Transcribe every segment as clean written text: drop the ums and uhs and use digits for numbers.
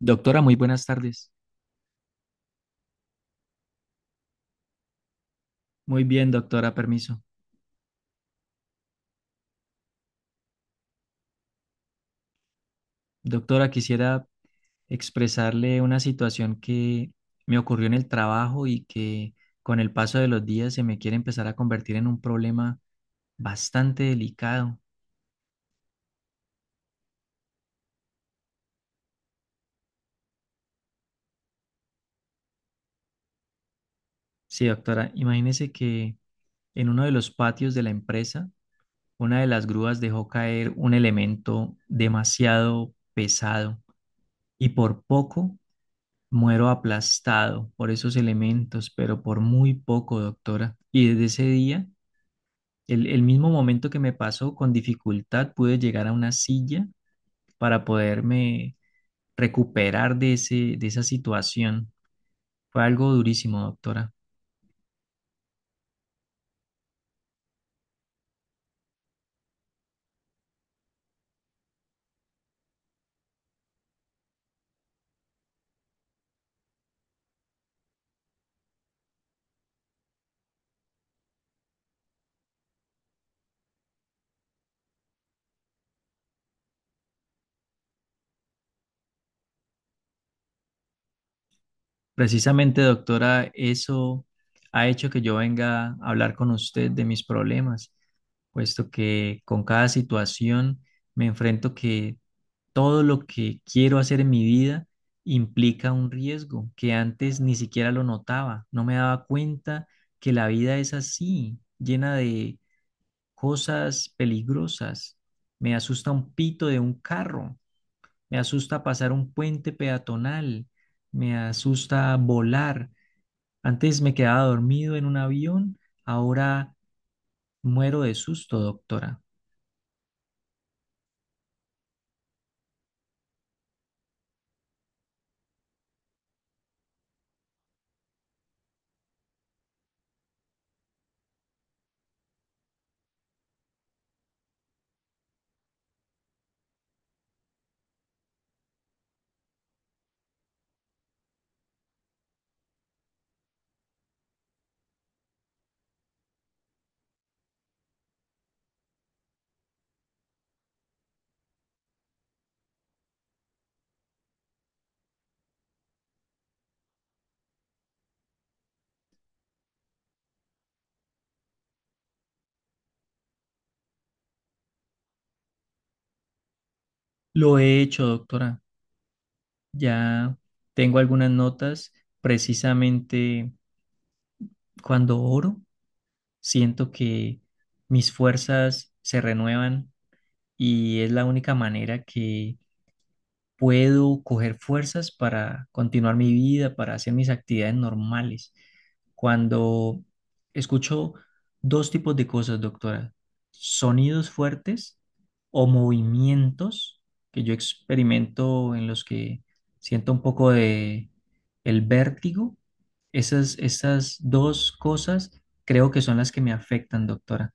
Doctora, muy buenas tardes. Muy bien, doctora, permiso. Doctora, quisiera expresarle una situación que me ocurrió en el trabajo y que con el paso de los días se me quiere empezar a convertir en un problema bastante delicado. Sí, doctora, imagínese que en uno de los patios de la empresa, una de las grúas dejó caer un elemento demasiado pesado y por poco muero aplastado por esos elementos, pero por muy poco, doctora. Y desde ese día, el mismo momento que me pasó, con dificultad pude llegar a una silla para poderme recuperar de de esa situación. Fue algo durísimo, doctora. Precisamente, doctora, eso ha hecho que yo venga a hablar con usted de mis problemas, puesto que con cada situación me enfrento que todo lo que quiero hacer en mi vida implica un riesgo que antes ni siquiera lo notaba, no me daba cuenta que la vida es así, llena de cosas peligrosas. Me asusta un pito de un carro, me asusta pasar un puente peatonal, me asusta volar. Antes me quedaba dormido en un avión, ahora muero de susto, doctora. Lo he hecho, doctora. Ya tengo algunas notas. Precisamente cuando oro, siento que mis fuerzas se renuevan y es la única manera que puedo coger fuerzas para continuar mi vida, para hacer mis actividades normales. Cuando escucho dos tipos de cosas, doctora, sonidos fuertes o movimientos que yo experimento en los que siento un poco de el vértigo, esas dos cosas creo que son las que me afectan, doctora.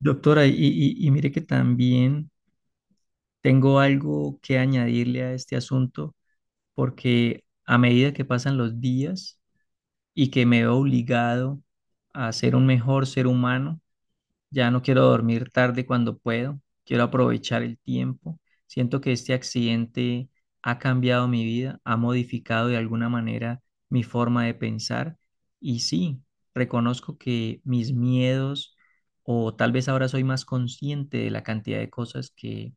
Doctora, y mire que también tengo algo que añadirle a este asunto porque a medida que pasan los días y que me veo obligado a ser un mejor ser humano, ya no quiero dormir tarde cuando puedo, quiero aprovechar el tiempo. Siento que este accidente ha cambiado mi vida, ha modificado de alguna manera mi forma de pensar y sí, reconozco que mis miedos o tal vez ahora soy más consciente de la cantidad de cosas que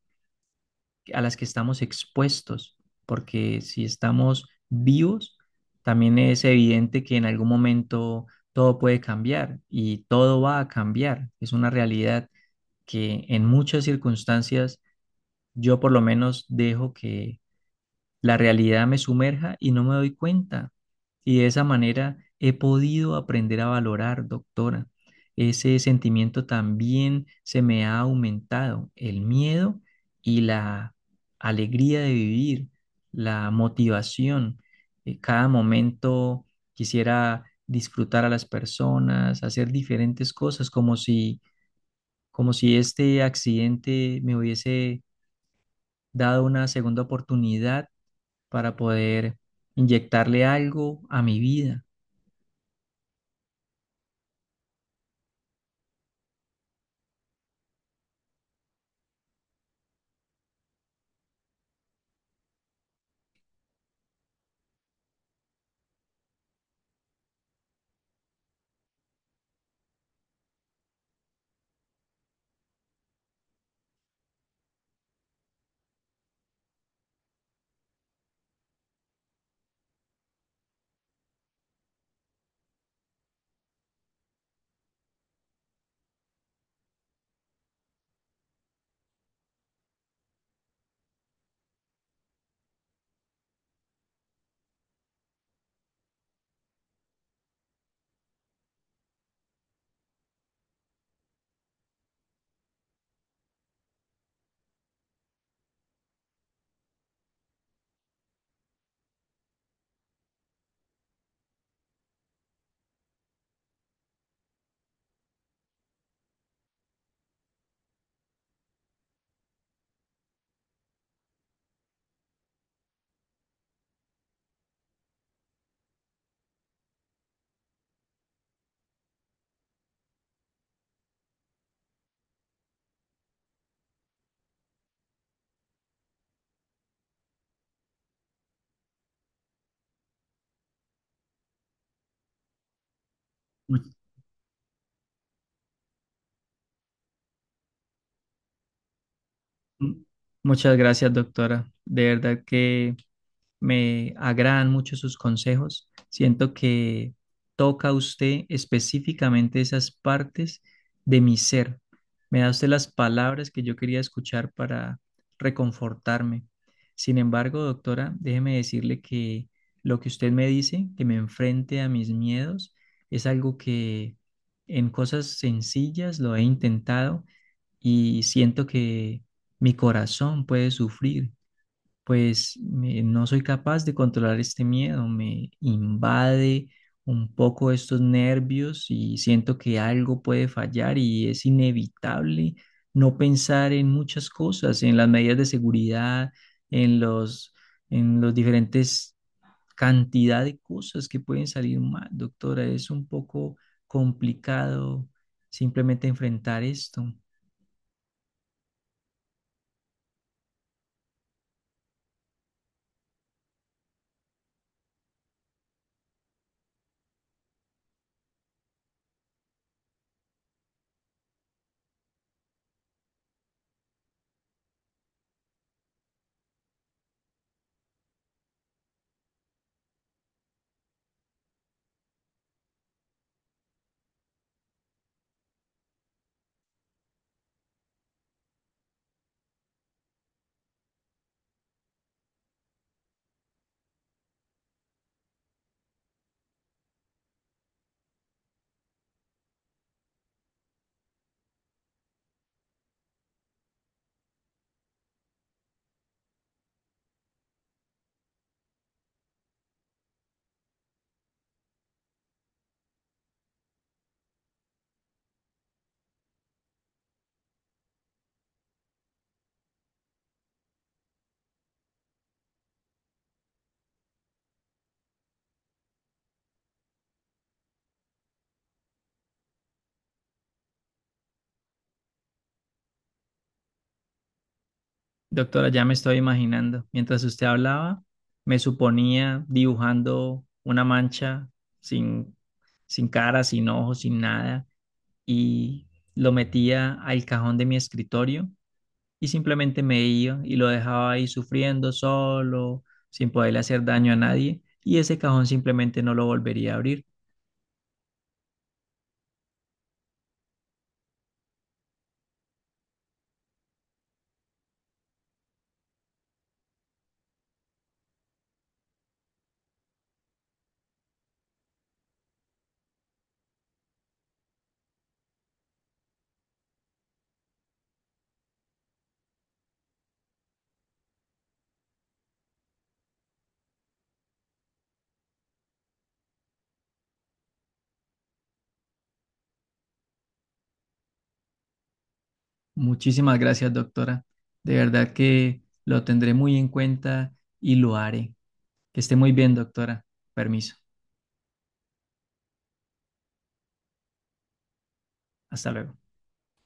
a las que estamos expuestos, porque si estamos vivos, también es evidente que en algún momento todo puede cambiar y todo va a cambiar. Es una realidad que en muchas circunstancias yo por lo menos dejo que la realidad me sumerja y no me doy cuenta. Y de esa manera he podido aprender a valorar, doctora. Ese sentimiento también se me ha aumentado, el miedo y la alegría de vivir, la motivación. Cada momento quisiera disfrutar a las personas, hacer diferentes cosas, como si este accidente me hubiese dado una segunda oportunidad para poder inyectarle algo a mi vida. Mu- Muchas gracias, doctora. De verdad que... Me agradan mucho sus consejos. Siento que toca usted específicamente esas partes de mi ser. Me da usted las palabras que yo quería escuchar para reconfortarme. Sin embargo, doctora, déjeme decirle que lo que usted me dice, que me enfrente a mis miedos, es algo que en cosas sencillas lo he intentado y siento que mi corazón puede sufrir pues no soy capaz de controlar este miedo, me invade un poco estos nervios y siento que algo puede fallar y es inevitable no pensar en muchas cosas, en las medidas de seguridad, en los, en los diferentes cantidad de cosas que pueden salir mal, doctora. Es un poco complicado simplemente enfrentar esto. Doctora, ya me estoy imaginando. Mientras usted hablaba, me suponía dibujando una mancha sin, sin cara, sin ojos, sin nada, y lo metía al cajón de mi escritorio y simplemente me iba y lo dejaba ahí sufriendo solo, sin poderle hacer daño a nadie, y ese cajón simplemente no lo volvería a abrir. Muchísimas gracias, doctora. De verdad que lo tendré muy en cuenta y lo haré. Que esté muy bien, doctora. Permiso. Hasta luego.